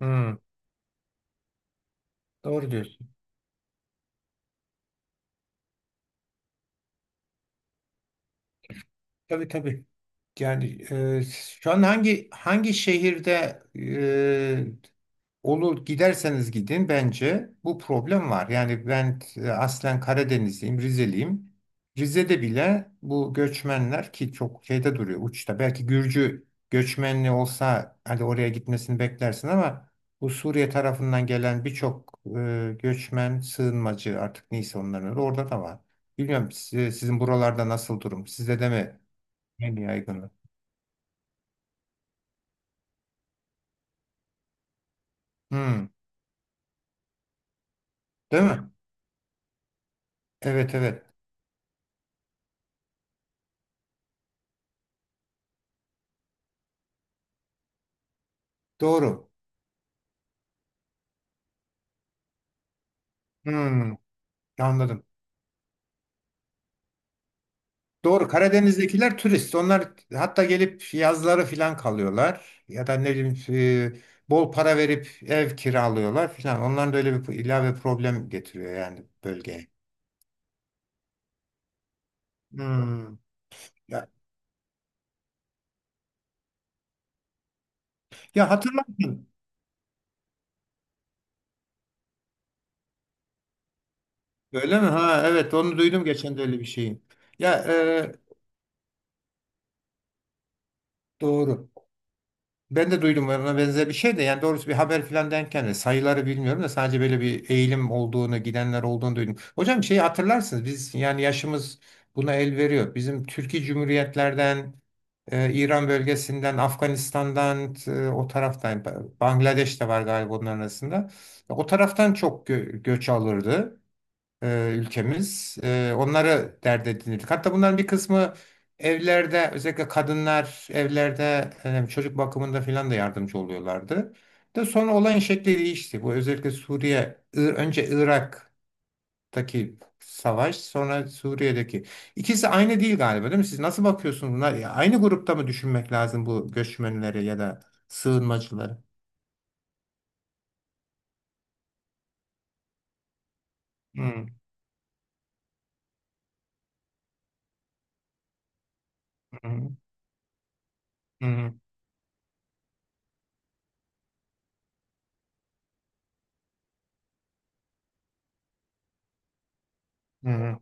Hmm, doğru diyorsun. Tabii tabii. Yani e, şu an hangi şehirde olur giderseniz gidin bence bu problem var. Yani ben aslen Karadenizliyim, Rizeliyim. Rize'de bile bu göçmenler ki çok şeyde duruyor uçta. Belki Gürcü göçmenli olsa hadi oraya gitmesini beklersin ama bu Suriye tarafından gelen birçok göçmen, sığınmacı artık neyse onların öyle orada da var. Bilmiyorum sizin buralarda nasıl durum? Sizde de mi en yaygın? Hmm, değil mi? Evet evet. Doğru. Hmm, anladım. Doğru. Karadeniz'dekiler turist. Onlar hatta gelip yazları filan kalıyorlar. Ya da ne bileyim bol para verip ev kiralıyorlar filan. Onların da öyle bir ilave problem getiriyor yani bölgeye. Hmm. Ya, ya hatırlarsın. Öyle mi? Ha evet onu duydum geçen de öyle bir şeyi. Ya doğru. Ben de duydum ona benzer bir şey de yani doğrusu bir haber filan denken de sayıları bilmiyorum da sadece böyle bir eğilim olduğunu gidenler olduğunu duydum. Hocam şeyi hatırlarsınız biz yani yaşımız buna el veriyor. Bizim Türkiye Cumhuriyetlerden, İran bölgesinden, Afganistan'dan o taraftan Bangladeş de var galiba onların arasında. O taraftan çok göç alırdı ülkemiz. Onları dert edinirdik. Hatta bunların bir kısmı evlerde özellikle kadınlar evlerde çocuk bakımında filan da yardımcı oluyorlardı. De sonra olayın şekli değişti. Bu özellikle Suriye, önce Irak'taki savaş, sonra Suriye'deki. İkisi aynı değil galiba, değil mi? Siz nasıl bakıyorsunuz buna? Ya aynı grupta mı düşünmek lazım bu göçmenleri ya da sığınmacıları? Hı hı hı hı. Hı.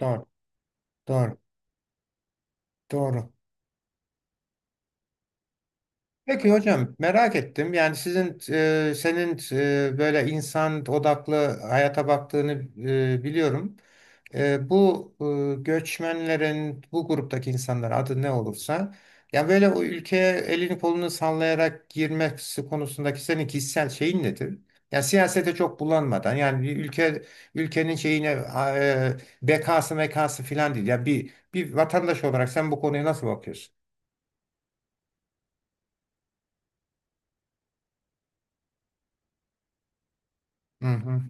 Doğru, doğru, doğru. Peki hocam merak ettim. Yani sizin senin böyle insan odaklı hayata baktığını biliyorum. Bu göçmenlerin bu gruptaki insanlar adı ne olursa yani böyle o ülkeye elini kolunu sallayarak girmesi konusundaki senin kişisel şeyin nedir? Yani siyasete çok bulanmadan yani bir ülke ülkenin şeyine e, bekası mekası filan değil. Yani bir vatandaş olarak sen bu konuya nasıl bakıyorsun? Hı hı.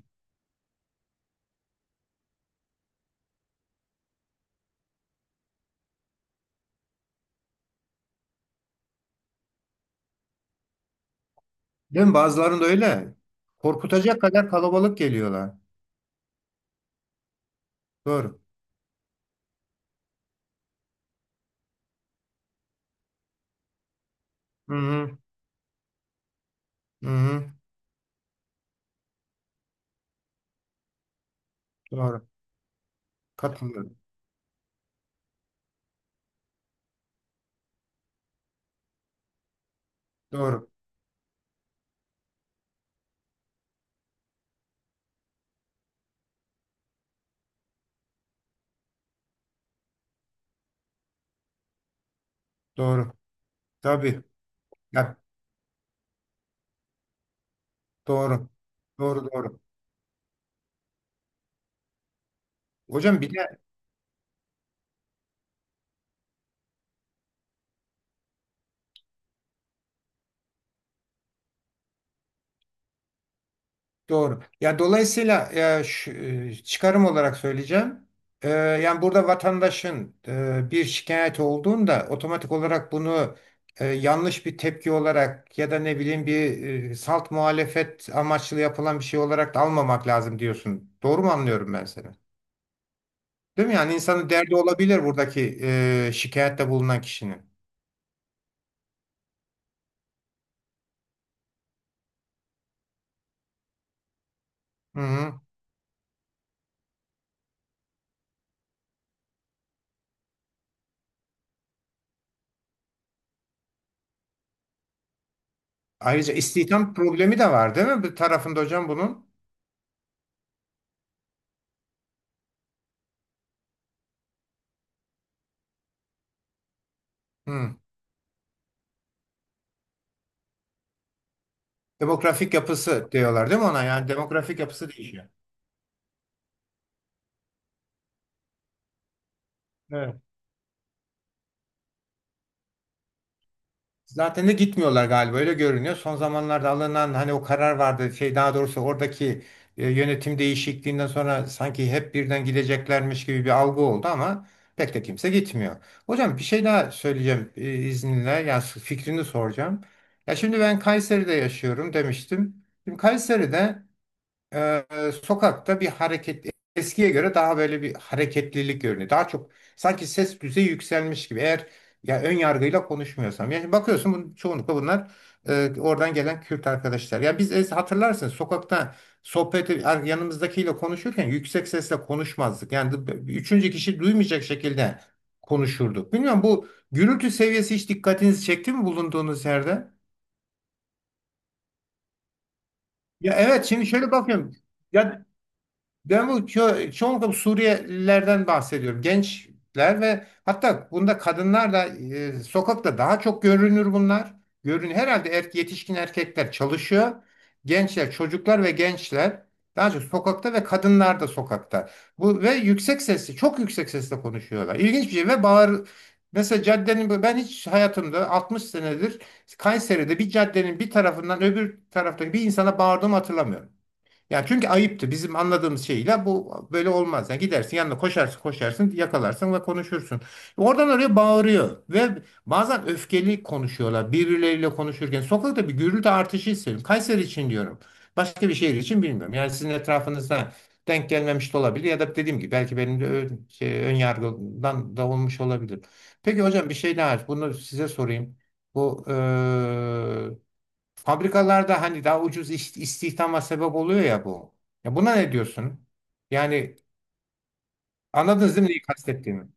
Değil mi? Bazılarında öyle. Korkutacak kadar kalabalık geliyorlar. Doğru. Hı hı. Hı hı. Doğru. Katılıyorum. Doğru. Doğru. Tabii. Ya, doğru. Doğru doğru. Hocam bir de doğru. Ya dolayısıyla e, şu- çıkarım olarak söyleyeceğim. Yani burada vatandaşın bir şikayet olduğunda otomatik olarak bunu yanlış bir tepki olarak ya da ne bileyim bir salt muhalefet amaçlı yapılan bir şey olarak da almamak lazım diyorsun. Doğru mu anlıyorum ben seni? Değil mi? Yani insanın derdi olabilir buradaki şikayette bulunan kişinin. Hı hı. Ayrıca istihdam problemi de var değil mi? Bir tarafında hocam bunun. Hı. Demografik yapısı diyorlar değil mi ona? Yani demografik yapısı değişiyor. Evet. Zaten de gitmiyorlar galiba öyle görünüyor. Son zamanlarda alınan hani o karar vardı şey daha doğrusu oradaki yönetim değişikliğinden sonra sanki hep birden gideceklermiş gibi bir algı oldu ama pek de kimse gitmiyor. Hocam bir şey daha söyleyeceğim izninle yani fikrini soracağım. Ya şimdi ben Kayseri'de yaşıyorum demiştim. Şimdi Kayseri'de e, sokakta bir hareket eskiye göre daha böyle bir hareketlilik görünüyor. Daha çok sanki ses düzeyi yükselmiş gibi. Eğer ya ön yargıyla konuşmuyorsam. Yani bakıyorsun bunun, çoğunlukla bunlar oradan gelen Kürt arkadaşlar. Ya biz hatırlarsınız sokakta sohbet yanımızdakiyle konuşurken yüksek sesle konuşmazdık. Yani üçüncü kişi duymayacak şekilde konuşurduk. Bilmiyorum bu gürültü seviyesi hiç dikkatinizi çekti mi bulunduğunuz yerde? Ya evet şimdi şöyle bakıyorum. Ya ben bu çoğunlukla bu Suriyelilerden bahsediyorum. Gençler ve hatta bunda kadınlar da sokakta daha çok görünür bunlar. Görün herhalde yetişkin erkekler çalışıyor. Gençler, çocuklar ve gençler daha çok sokakta ve kadınlar da sokakta. Bu ve yüksek sesli, çok yüksek sesle konuşuyorlar. İlginç bir şey ve bağır mesela caddenin ben hiç hayatımda 60 senedir Kayseri'de bir caddenin bir tarafından öbür taraftaki bir insana bağırdığımı hatırlamıyorum. Ya çünkü ayıptı. Bizim anladığımız şeyle bu böyle olmaz. Yani gidersin yanına koşarsın yakalarsın ve konuşursun. Oradan oraya bağırıyor ve bazen öfkeli konuşuyorlar birbirleriyle konuşurken. Sokakta bir gürültü artışı hissediyorum. Kayseri için diyorum. Başka bir şehir için bilmiyorum. Yani sizin etrafınızda denk gelmemiş de olabilir ya da dediğim gibi belki benim de ön yargıdan da olmuş olabilir. Peki hocam bir şey daha bunu size sorayım. Bu fabrikalarda hani daha ucuz istihdama sebep oluyor ya bu. Ya buna ne diyorsun? Yani anladınız değil mi neyi kastettiğimi?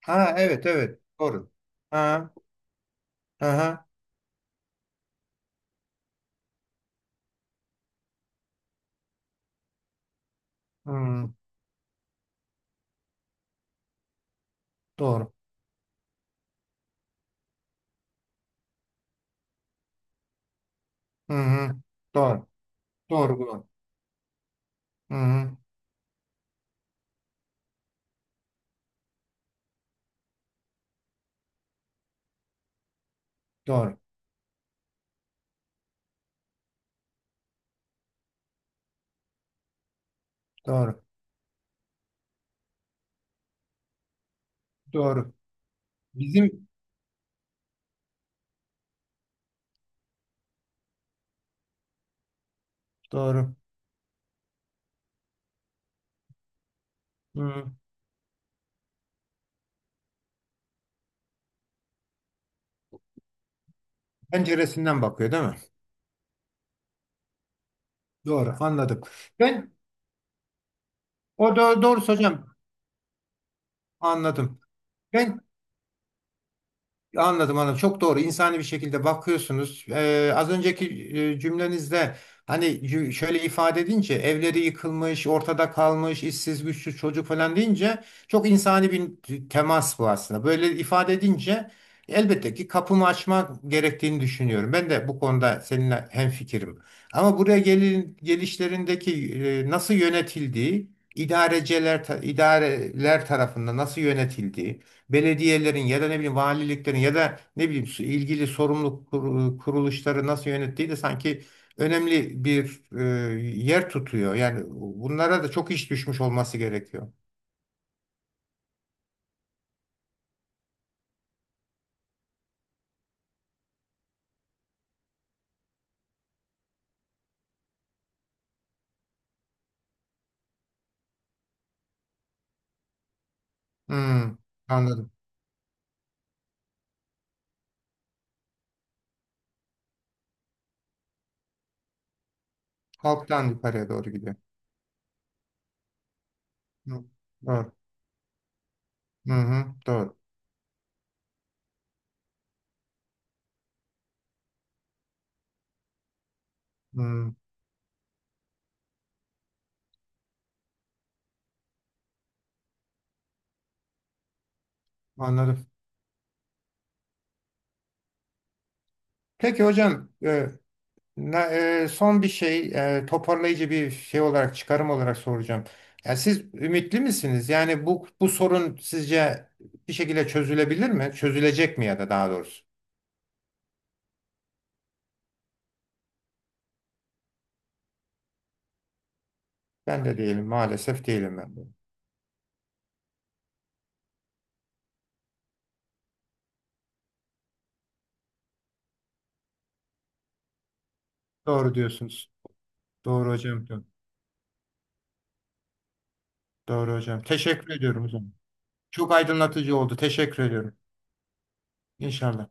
Ha evet evet doğru. Ha aha hmm, doğru. Hı hı, doğru. Doğru doğru. Hı hı, doğru doğru doğru. Bizim doğru. Hı. Penceresinden bakıyor değil mi? Doğru anladım. Ben o da doğru hocam anladım. Ben anladım anladım. Çok doğru. İnsani bir şekilde bakıyorsunuz. Az önceki cümlenizde hani şöyle ifade edince evleri yıkılmış, ortada kalmış, işsiz güçsüz çocuk falan deyince çok insani bir temas bu aslında. Böyle ifade edince elbette ki kapımı açmak gerektiğini düşünüyorum. Ben de bu konuda seninle hemfikirim. Ama buraya gelin, gelişlerindeki nasıl yönetildiği, idareciler, idareler tarafından nasıl yönetildiği belediyelerin ya da ne bileyim valiliklerin ya da ne bileyim ilgili sorumlu kuruluşları nasıl yönettiği de sanki önemli bir yer tutuyor. Yani bunlara da çok iş düşmüş olması gerekiyor. Hmm, anladım. Halktan yukarıya doğru gidiyor. Hı, doğru. Hı hı, doğru. Hmm, anladım. Peki hocam, Na- son bir şey toparlayıcı bir şey olarak çıkarım olarak soracağım. Ya siz ümitli misiniz? Yani bu sorun sizce bir şekilde çözülebilir mi? Çözülecek mi ya da daha doğrusu? Ben de değilim maalesef değilim ben de. Doğru diyorsunuz. Doğru hocam. Doğru hocam. Teşekkür ediyorum hocam. Çok aydınlatıcı oldu. Teşekkür ediyorum. İnşallah.